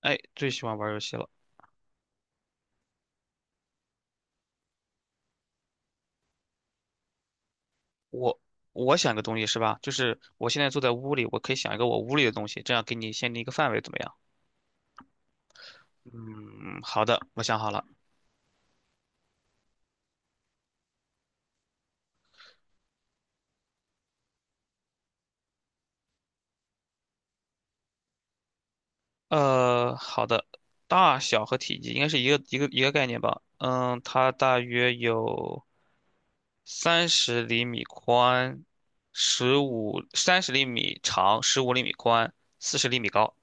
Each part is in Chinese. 哎，最喜欢玩游戏了。我我想个东西是吧？就是我现在坐在屋里，我可以想一个我屋里的东西，这样给你限定一个范围，怎么样？嗯，好的，我想好了。好的，大小和体积应该是一个概念吧？嗯，它大约有三十厘米宽，三十厘米长，十五厘米宽，四十厘米高，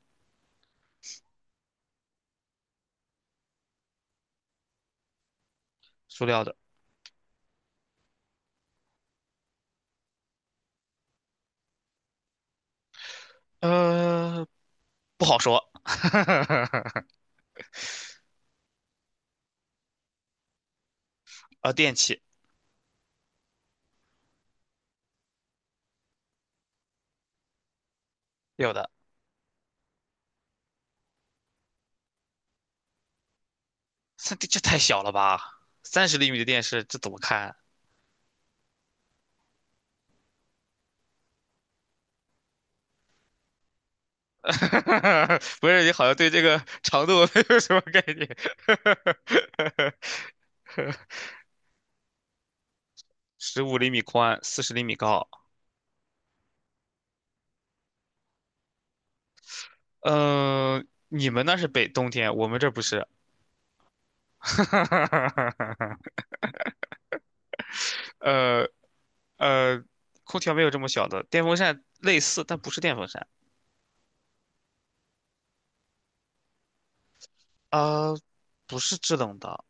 塑料的。呃，不好说。电器有的。这太小了吧？三十厘米的电视，这怎么看？不是，你好像对这个长度没有什么概念。十五厘米宽，40厘米高。你们那是北冬天，我们这不是。呃呃，空调没有这么小的，电风扇类似，但不是电风扇。啊、不是制冷的，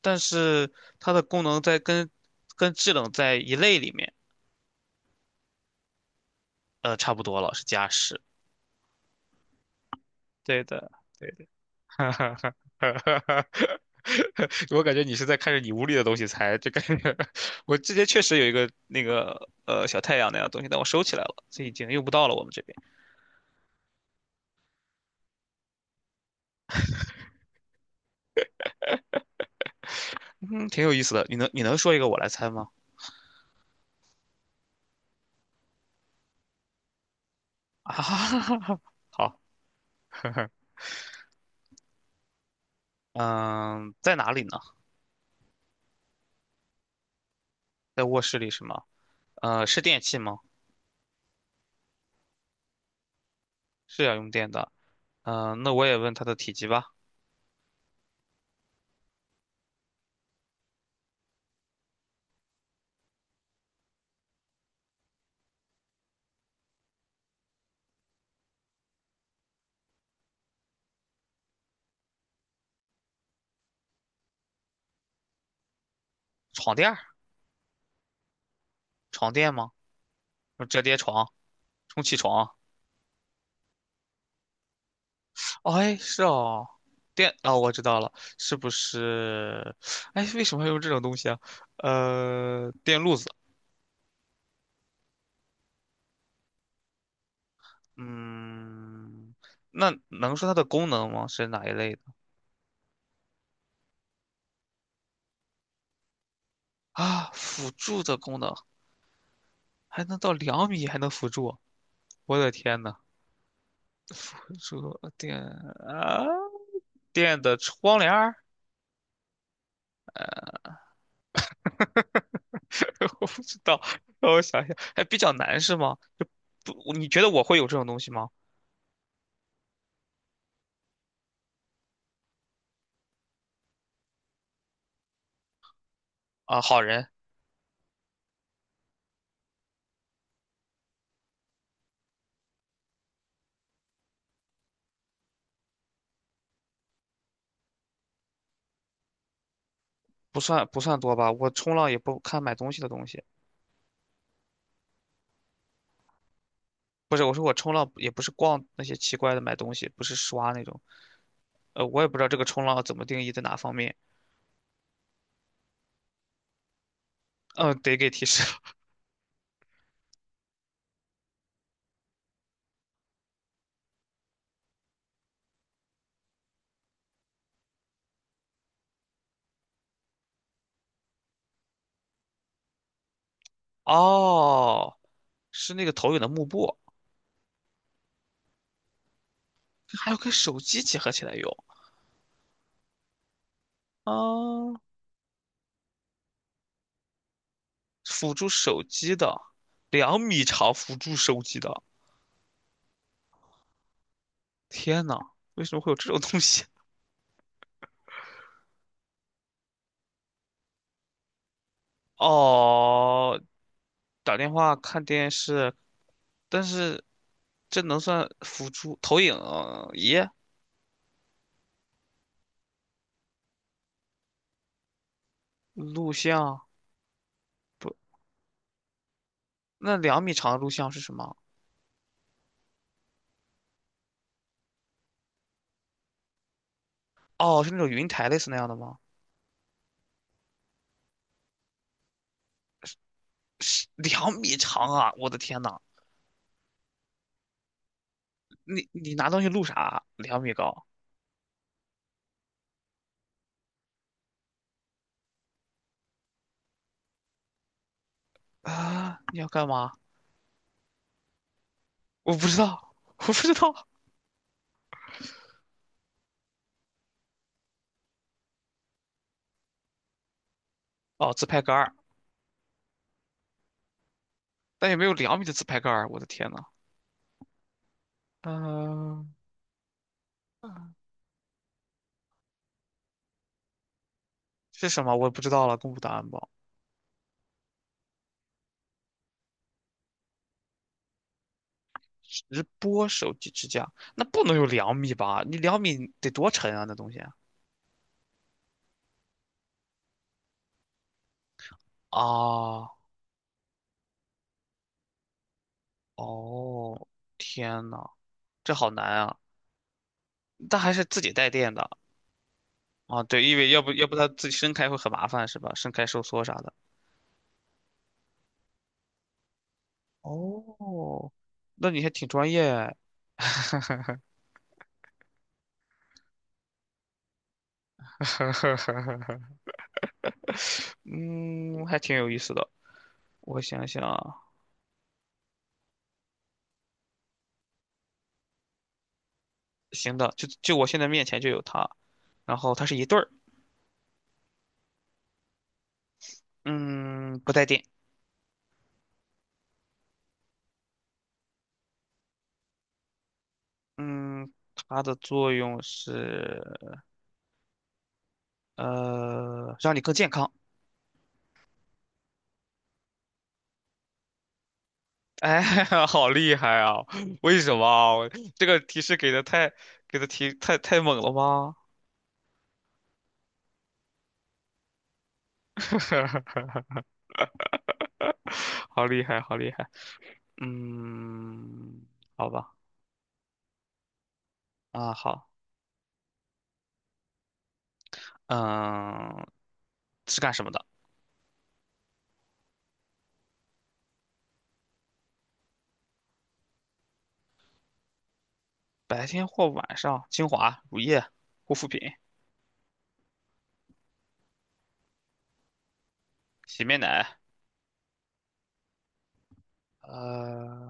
但是它的功能在跟制冷在一类里面，差不多了，是加湿。对的，对的，哈哈哈哈！哈，哈，我感觉你是在看着你屋里的东西猜，这感觉 我之前确实有一个那个小太阳那样的东西，但我收起来了，这已经用不到了。我们这边，嗯，挺有意思的。你能说一个我来猜吗？啊，好，嗯，在哪里呢？在卧室里是吗？是电器吗？是要用电的。那我也问它的体积吧。床垫儿，床垫吗？折叠床，充气床。哎，是哦，电哦，我知道了，是不是？哎，为什么要用这种东西啊？电路子，嗯，那能说它的功能吗？是哪一类的啊？辅助的功能还能到两米，还能辅助啊，我的天呐，辅助电啊，电的窗帘儿，我不知道，让我想想，还比较难是吗？就不，你觉得我会有这种东西吗？啊，好人。不算不算多吧，我冲浪也不看买东西的东西，不是，我说我冲浪也不是逛那些奇怪的买东西，不是刷那种，我也不知道这个冲浪怎么定义在哪方面，嗯，得给提示了 哦，是那个投影的幕布，还要跟手机结合起来用，啊，辅助手机的，两米长辅助手机的，天呐，为什么会有这种东西？哦，打电话看电视，但是这能算辅助投影仪？录像不？那两米长的录像是什么？哦，是那种云台类似那样的吗？两米长啊！我的天呐，你拿东西录啥？2米高啊？你要干嘛？我不知道，我不知道。哦，自拍杆儿，但也没有两米的自拍杆儿。我的天呐，嗯、嗯是什么？我也不知道了，公布答案吧。直播手机支架，那不能有两米吧？你两米得多沉啊，那东西啊！啊哦，天呐，这好难啊！但还是自己带电的啊，对，因为要不它自己伸开会很麻烦是吧？伸开收缩啥的。哦，那你还挺专业哎，嗯，还挺有意思的。我想想啊，行的，就我现在面前就有它，然后它是一对儿，嗯，不带电，嗯，它的作用是让你更健康。哎，好厉害啊！为什么啊我这个提示给的提太猛了吗？好厉害，好厉害。嗯，好吧，啊，好，嗯，是干什么的？白天或晚上？精华、乳液、护肤品、洗面奶，呃，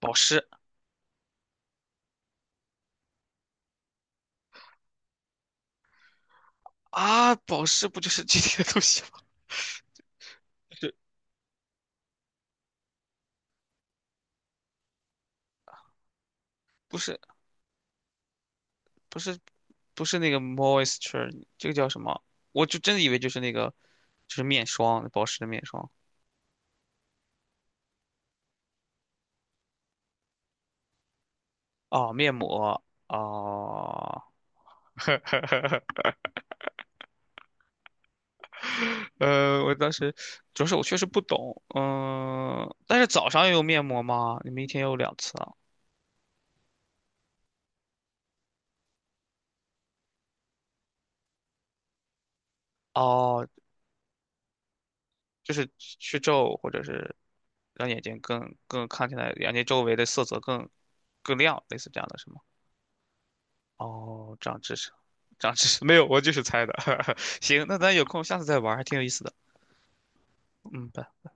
保湿啊，保湿不就是这些东西吗？是不是，不是，不是那个 moisture，这个叫什么？我就真的以为就是那个，就是面霜，保湿的面霜。哦，面膜，哦，我当时主要是我确实不懂，但是早上也有面膜吗？你们一天有2次啊？哦，就是去皱或者是让眼睛更看起来眼睛周围的色泽更亮，类似这样的是吗？哦，长知识，长知识，没有，我就是猜的。行，那咱有空下次再玩儿还挺有意思的。嗯，拜。